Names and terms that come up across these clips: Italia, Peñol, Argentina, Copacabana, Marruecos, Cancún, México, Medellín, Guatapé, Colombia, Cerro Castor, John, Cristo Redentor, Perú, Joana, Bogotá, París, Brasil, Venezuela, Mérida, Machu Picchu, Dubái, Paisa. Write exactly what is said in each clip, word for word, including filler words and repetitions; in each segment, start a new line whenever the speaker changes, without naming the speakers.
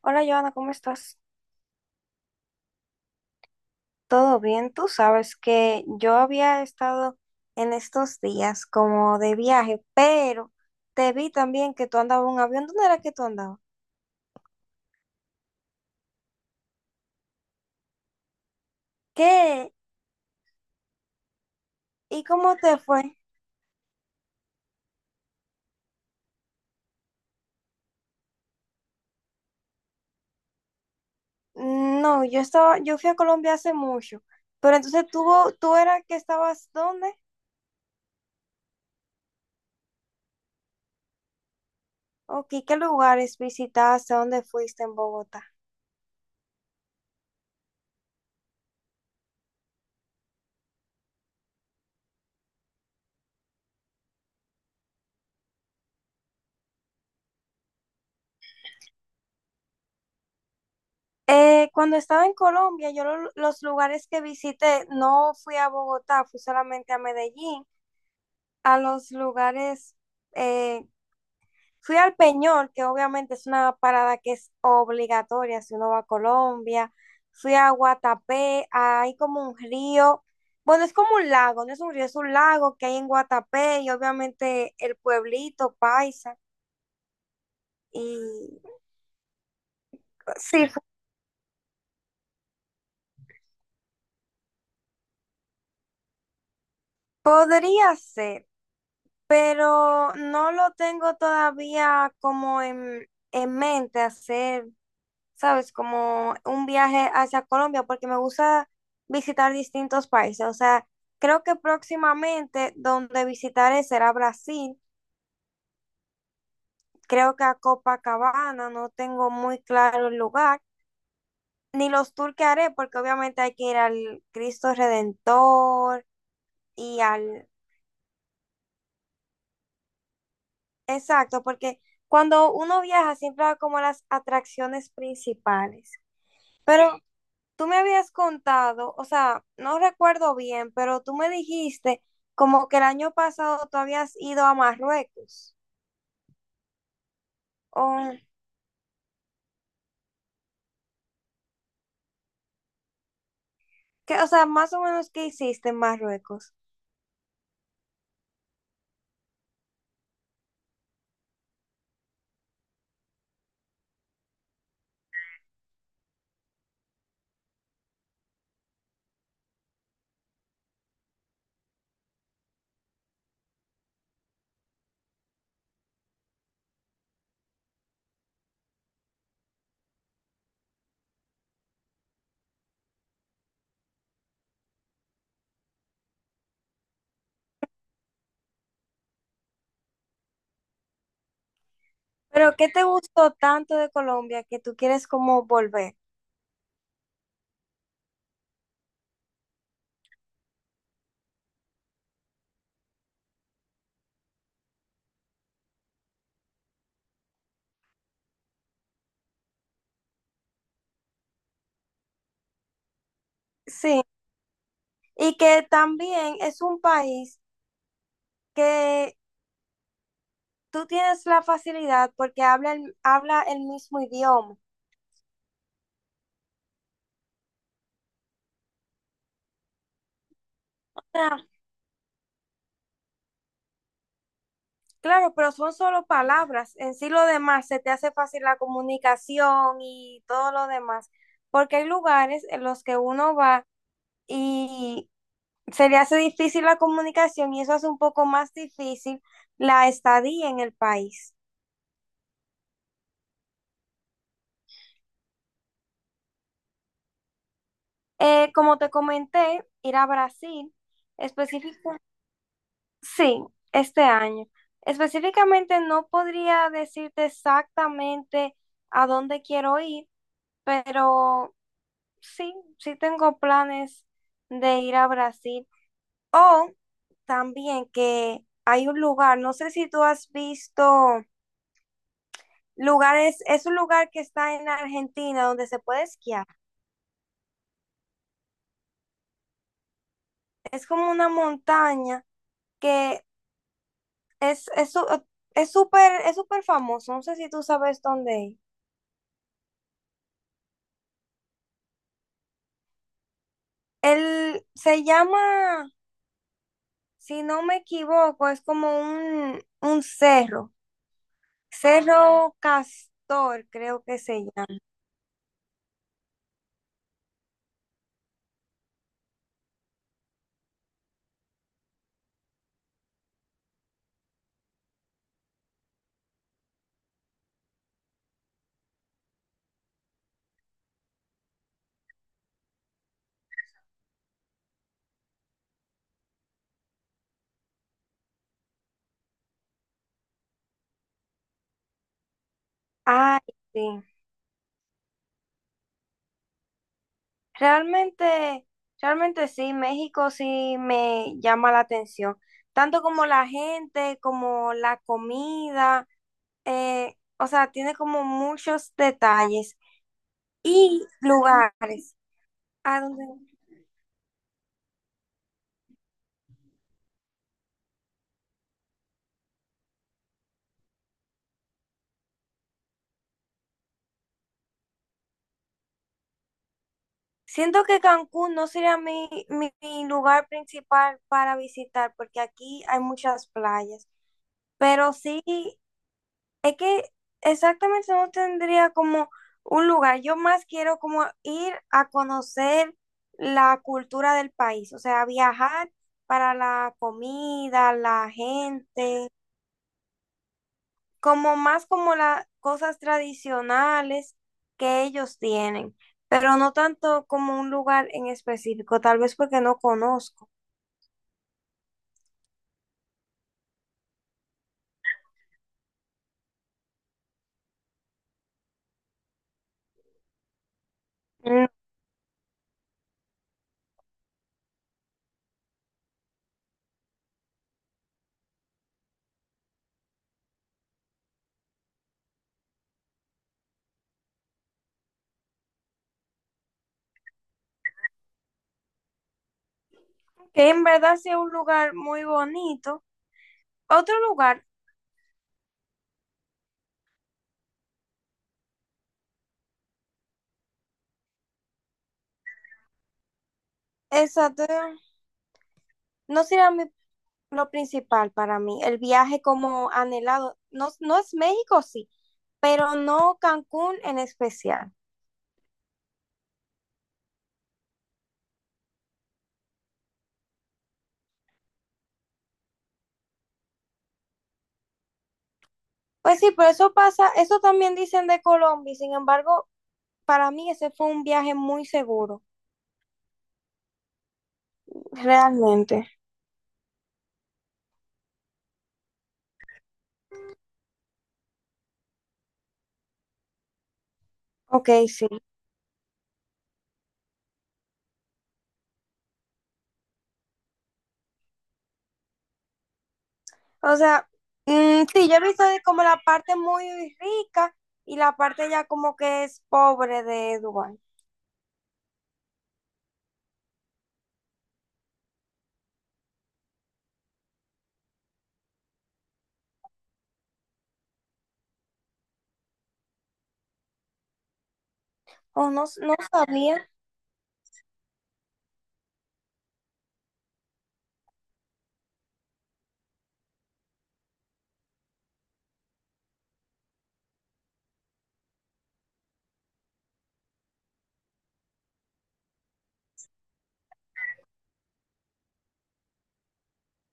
Hola, Joana, ¿cómo estás? ¿Todo bien? Tú sabes que yo había estado en estos días como de viaje, pero te vi también que tú andabas en un avión. ¿Dónde era que tú andabas? ¿Qué? ¿Y cómo te fue? No, yo estaba, yo fui a Colombia hace mucho, pero entonces tú, tú era que estabas ¿dónde? ¿O qué, qué lugares visitaste? ¿Dónde fuiste en Bogotá? Eh, cuando estaba en Colombia, yo lo- los lugares que visité, no fui a Bogotá, fui solamente a Medellín, a los lugares, eh, fui al Peñol, que obviamente es una parada que es obligatoria si uno va a Colombia. Fui a Guatapé, hay como un río, bueno, es como un lago, no es un río, es un lago que hay en Guatapé, y obviamente el pueblito Paisa. Y sí, podría ser, pero no lo tengo todavía como en, en mente hacer, ¿sabes? Como un viaje hacia Colombia, porque me gusta visitar distintos países. O sea, creo que próximamente donde visitaré será Brasil. Creo que a Copacabana no tengo muy claro el lugar, ni los tours que haré, porque obviamente hay que ir al Cristo Redentor y al... Exacto, porque cuando uno viaja siempre va como a las atracciones principales. Pero tú me habías contado, o sea, no recuerdo bien, pero tú me dijiste como que el año pasado tú habías ido a Marruecos. O, que, o sea, más o menos qué hiciste en Marruecos. Pero ¿qué te gustó tanto de Colombia que tú quieres como volver? Sí, y que también es un país que tú tienes la facilidad porque habla el, habla el mismo idioma. Claro, pero son solo palabras. En sí lo demás se te hace fácil la comunicación y todo lo demás, porque hay lugares en los que uno va y se le hace difícil la comunicación y eso hace un poco más difícil la estadía en el país. Eh, como te comenté, ir a Brasil, específicamente, sí, este año. Específicamente no podría decirte exactamente a dónde quiero ir, pero sí, sí tengo planes de ir a Brasil. O también que hay un lugar, no sé si tú has visto lugares, es un lugar que está en Argentina donde se puede esquiar. Es como una montaña que es es su- es súper es súper famoso, no sé si tú sabes dónde es. Él se llama, si no me equivoco, es como un, un cerro, Cerro Castor, creo que se llama. Ay, sí. Realmente, realmente sí, México sí me llama la atención, tanto como la gente, como la comida, eh, o sea, tiene como muchos detalles y lugares a donde... Siento que Cancún no sería mi, mi, mi lugar principal para visitar, porque aquí hay muchas playas, pero sí... Es que exactamente no tendría como un lugar. Yo más quiero como ir a conocer la cultura del país, o sea, viajar para la comida, la gente, como más como las cosas tradicionales que ellos tienen, pero no tanto como un lugar en específico, tal vez porque no conozco. Mm. Que en verdad sea un lugar muy bonito. Otro lugar, exacto, no sería mi... Lo principal para mí, el viaje como anhelado, no, no es México, sí, pero no Cancún en especial. Pues sí, pero eso pasa, eso también dicen de Colombia, y sin embargo, para mí ese fue un viaje muy seguro, realmente. Ok, sí. O sea, mm, sí, yo he visto de como la parte muy rica y la parte ya como que es pobre de Dubái. Oh, no, no sabía.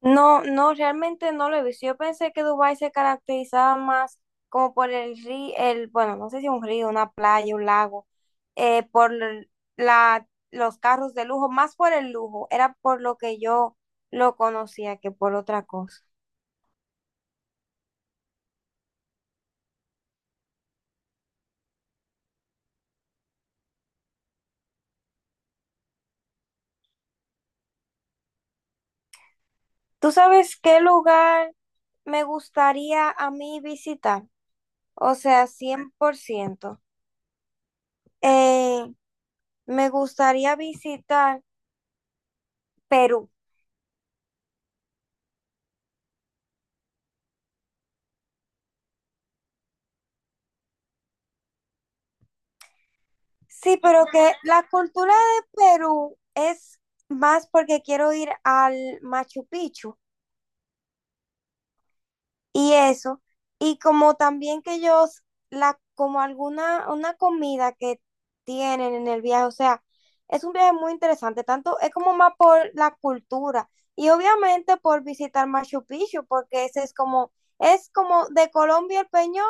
No, no, realmente no lo he visto. Yo pensé que Dubái se caracterizaba más como por el río, el, bueno, no sé si un río, una playa, un lago, eh, por l- la, los carros de lujo, más por el lujo, era por lo que yo lo conocía que por otra cosa. ¿Tú sabes qué lugar me gustaría a mí visitar? O sea, cien por ciento... Eh, Me gustaría visitar Perú. Sí, pero que la cultura de Perú es más porque quiero ir al Machu Picchu y eso. Y como también que ellos, la, como alguna, una comida que tienen en el viaje, o sea, es un viaje muy interesante, tanto es como más por la cultura y obviamente por visitar Machu Picchu, porque ese es como, es como de Colombia el Peñón,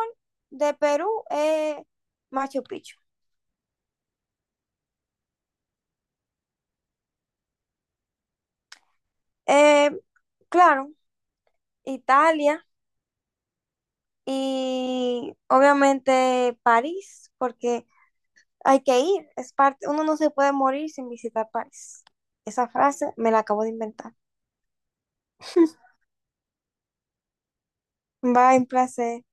de Perú, eh, Machu Picchu. Eh, claro, Italia. Y obviamente París, porque hay que ir, es parte, uno no se puede morir sin visitar París. Esa frase me la acabo de inventar. Bye, un placer.